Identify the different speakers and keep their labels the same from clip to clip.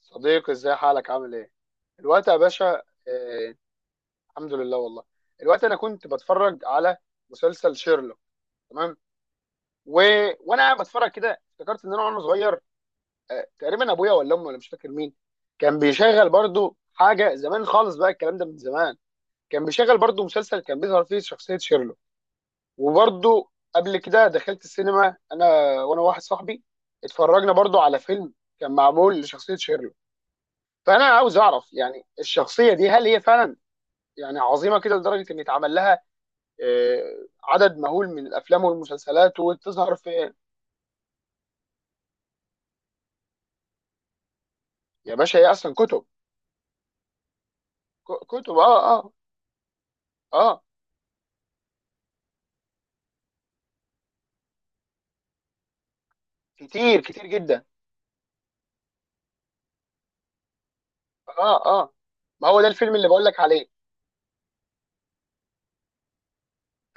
Speaker 1: صديقي، ازاي حالك، عامل ايه الوقت يا باشا؟ آه، الحمد لله والله. الوقت انا كنت بتفرج على مسلسل شيرلوك، تمام. و... وانا قاعد بتفرج كده افتكرت ان انا وانا صغير، تقريبا ابويا ولا امي ولا مش فاكر مين كان بيشغل برضو حاجه زمان خالص. بقى الكلام ده من زمان. كان بيشغل برضو مسلسل كان بيظهر فيه شخصيه شيرلوك. وبرضو قبل كده دخلت السينما انا وانا واحد صاحبي، اتفرجنا برضو على فيلم كان معمول لشخصيه شيرلوك. فانا عاوز اعرف يعني الشخصيه دي هل هي فعلا يعني عظيمه كده لدرجه ان يتعمل لها عدد مهول من الافلام والمسلسلات وتظهر في. يا باشا هي اصلا كتب. كتب، اه اه. اه، كتير كتير جدا. اه اه، ما هو ده الفيلم اللي بقول لك عليه.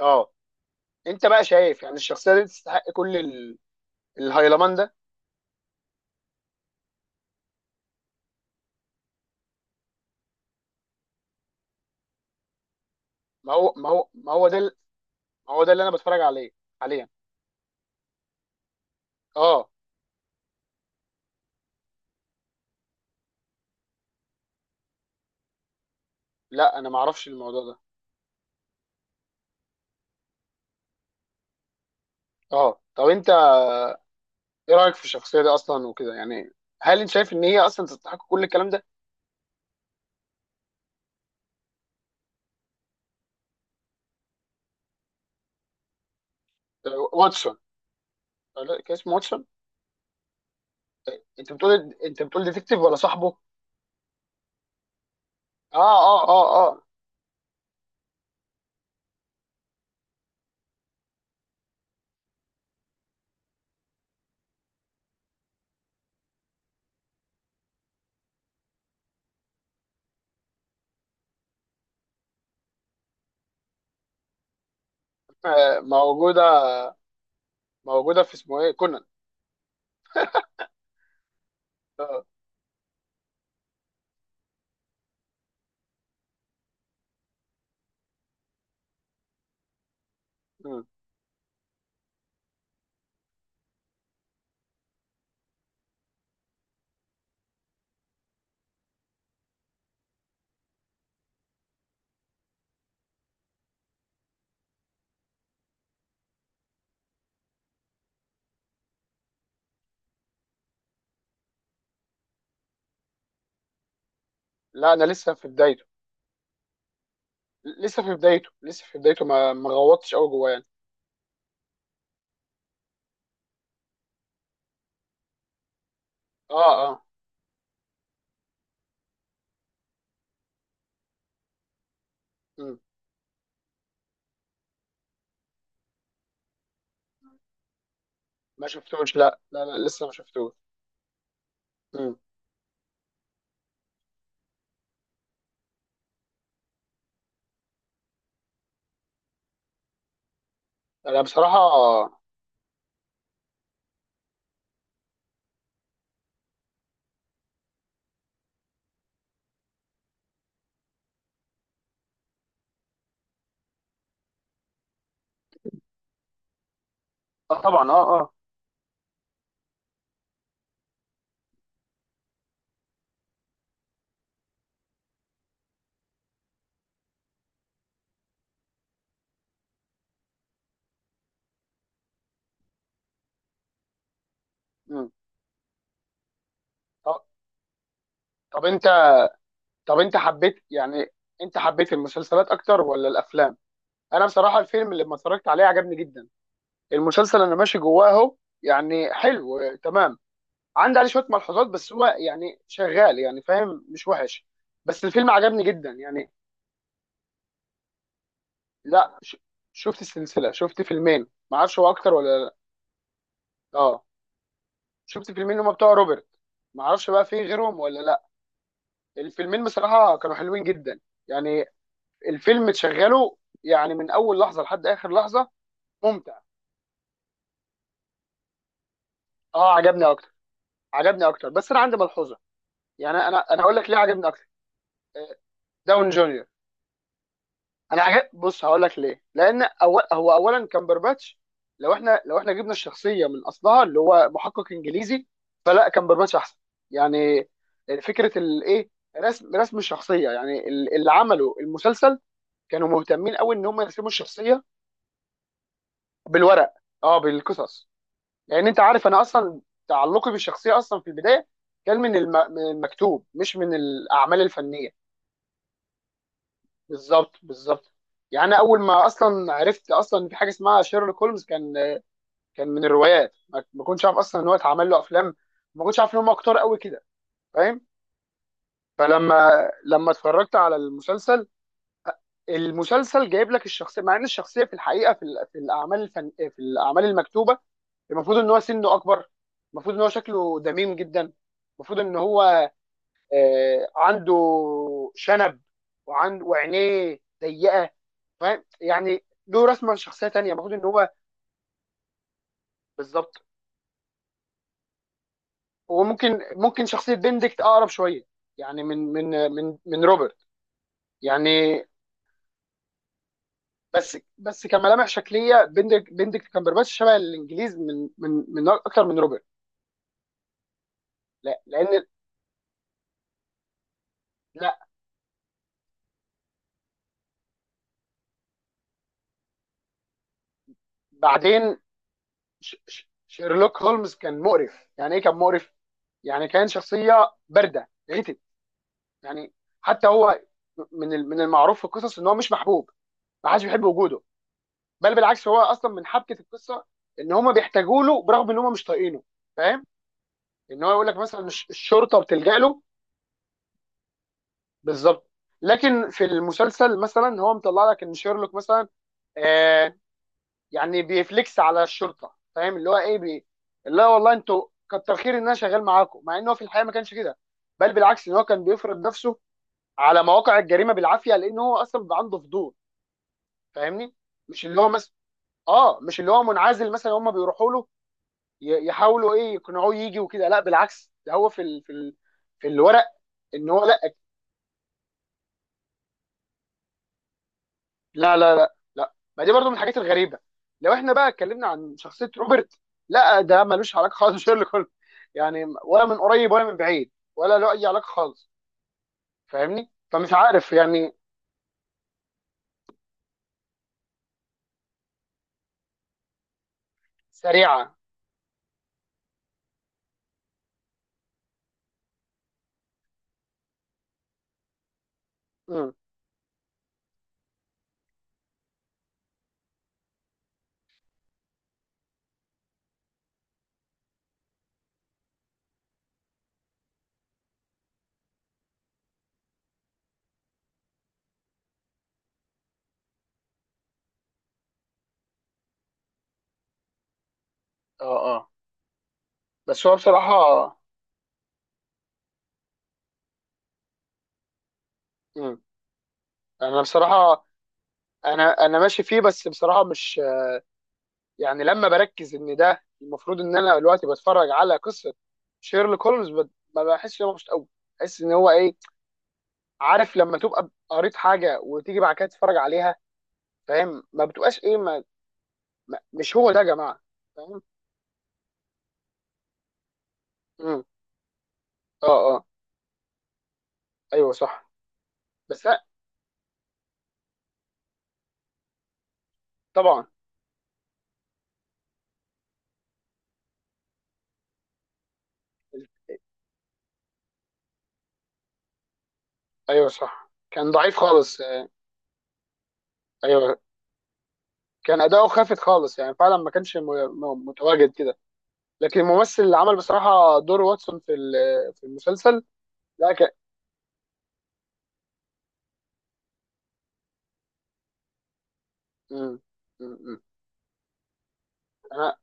Speaker 1: اه. انت بقى شايف يعني الشخصيه دي تستحق كل الهيلمان ده؟ ما هو ده ما هو ده اللي انا بتفرج عليه حاليا. اه. لا انا ما اعرفش الموضوع ده. اه، طب انت ايه رايك في الشخصيه دي اصلا وكده؟ يعني هل انت شايف ان هي اصلا تستحق كل الكلام ده؟ واتسون. لا كاس ماتشن. انت بتقول ديتكتيف ولا صاحبه؟ اه اه اه اه. موجوده، في اسمه ايه، كونان. آه. مم. لا انا لسه في بدايته. لسه في بدايته، لسه في بدايته، ما غوطتش قوي جواه يعني. اه اه. مم. ما شفتوش، لا لا لا لسه ما شفتوش. مم. انا بصراحه، اه. طبعا، اه اه. مم. طب طب انت طب انت حبيت يعني، انت حبيت المسلسلات اكتر ولا الافلام؟ انا بصراحه الفيلم اللي ما اتفرجت عليه عجبني جدا. المسلسل انا ماشي جواه اهو، يعني حلو. تمام. عندي عليه شويه ملحوظات، بس هو يعني شغال يعني، فاهم، مش وحش. بس الفيلم عجبني جدا يعني. لا ش- شفت السلسله، شفت فيلمين، ما اعرفش هو اكتر ولا لا. اه. شفت فيلمين هما بتوع روبرت، ما اعرفش بقى في غيرهم ولا لا. الفيلمين بصراحه كانوا حلوين جدا يعني. الفيلم تشغله يعني من اول لحظه لحد اخر لحظه. ممتع. اه، عجبني اكتر. عجبني اكتر بس انا عندي ملحوظه. يعني انا هقول لك ليه عجبني اكتر. آه، داون جونيور. انا عجب، بص هقول لك ليه. لان أول هو اولا كامبرباتش، لو احنا جبنا الشخصيه من اصلها اللي هو محقق انجليزي، فلا كامبرباتش احسن يعني. فكره الايه، رسم الشخصيه، يعني اللي عملوا المسلسل كانوا مهتمين قوي ان هم يرسموا الشخصيه بالورق. اه، بالقصص. لان انت عارف انا اصلا تعلقي بالشخصيه اصلا في البدايه كان من المكتوب، مش من الاعمال الفنيه. بالظبط، بالظبط. يعني أنا اول ما اصلا عرفت اصلا إن في حاجه اسمها شيرلوك هولمز كان، كان من الروايات. ما كنتش عارف اصلا ان هو اتعمل له افلام. ما كنتش عارف ان هم كتار قوي كده، فاهم. فلما، لما اتفرجت على المسلسل، المسلسل جايب لك الشخصيه، مع ان الشخصيه في الحقيقه في الاعمال الفن في الاعمال المكتوبه المفروض ان هو سنه اكبر، المفروض ان هو شكله دميم جدا، المفروض ان هو عنده شنب، وعينيه ضيقه، فاهم، يعني له رسمه لشخصيه تانيه المفروض ان هو. بالظبط. هو ممكن، شخصيه بندكت اقرب شويه يعني من روبرت يعني. بس كملامح شكليه، بندكت كامبرباتش شبه الانجليز من اكتر من روبرت. لا لان لا. بعدين، شيرلوك هولمز كان مقرف، يعني ايه كان مقرف، يعني كان شخصيه بارده غتت يعني. حتى هو من المعروف في القصص ان هو مش محبوب، ما حدش بيحب وجوده. بل بالعكس، هو اصلا من حبكه القصه ان هم بيحتاجوا له برغم ان هم مش طايقينه، فاهم. ان هو يقول لك مثلا الشرطه بتلجأ له. بالظبط. لكن في المسلسل مثلا هو مطلع لك ان شيرلوك مثلا آه يعني بيفليكس على الشرطه، فاهم، اللي هو ايه، اللي هو والله انتوا كتر خير ان انا شغال معاكم. مع ان هو في الحقيقه ما كانش كده، بل بالعكس ان هو كان بيفرض نفسه على مواقع الجريمه بالعافيه، لان هو اصلا بيبقى عنده فضول. فاهمني، مش اللي هو مثلا، اه مش اللي هو منعزل مثلا هم بيروحوا له، يحاولوا ايه يقنعوه يجي وكده. لا بالعكس، ده هو في في الورق. ان هو لا، لا لا لا لا، ما دي برضو من الحاجات الغريبه. لو احنا بقى اتكلمنا عن شخصيه روبرت، لا ده ملوش علاقه خالص بشيرلوك هولمز، يعني ولا من قريب ولا من بعيد ولا له اي علاقه خالص، فاهمني، فمش عارف يعني. سريعه. امم. اه اه. بس هو بصراحه، امم انا بصراحه، انا ماشي فيه بس بصراحه مش. يعني لما بركز ان ده المفروض ان انا دلوقتي بتفرج على قصه شيرلوك هولمز ما بحسش ان انا مبسوط قوي، بحس ان هو ايه. عارف لما تبقى قريت حاجه وتيجي بعد كده تتفرج عليها، فاهم، ما بتبقاش ايه، ما مش هو ده يا جماعه، فاهم. امم. اه اه. ايوه صح. بس لا. طبعا. ايوه صح، كان ضعيف خالص. ايوه، كان اداؤه خافت خالص، يعني فعلا ما كانش متواجد كده. لكن الممثل اللي عمل بصراحه دور واتسون في في المسلسل. لا. مم. مم. انا،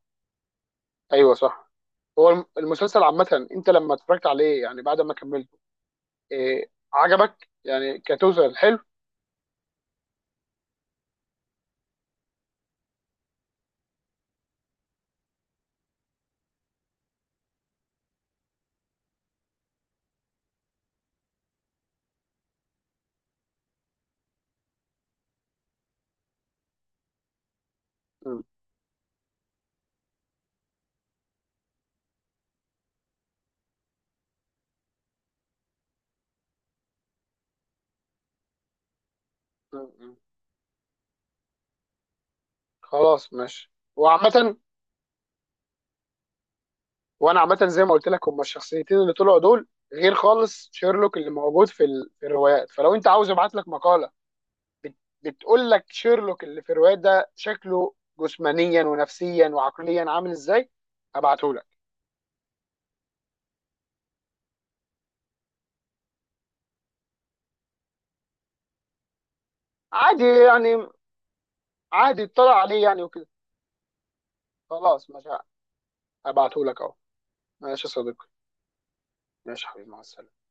Speaker 1: ايوه صح. هو المسلسل عامه، انت لما اتفرجت عليه يعني بعد ما كملته، إيه عجبك يعني كتوتال، حلو؟ مم. مم. مم. خلاص ماشي. وعامه، وانا عامه زي ما قلت لك، هما الشخصيتين اللي طلعوا دول غير خالص شيرلوك اللي موجود في الروايات. فلو انت عاوز ابعت لك مقاله بت... بتقول لك شيرلوك اللي في الروايات ده شكله جسمانيا ونفسيا وعقليا عامل ازاي، هبعته لك. عادي يعني، عادي اطلع عليه يعني وكده. خلاص ماشي، هبعتهولك اهو. ماشي يا صديقي. ماشي يا حبيبي مع السلامة.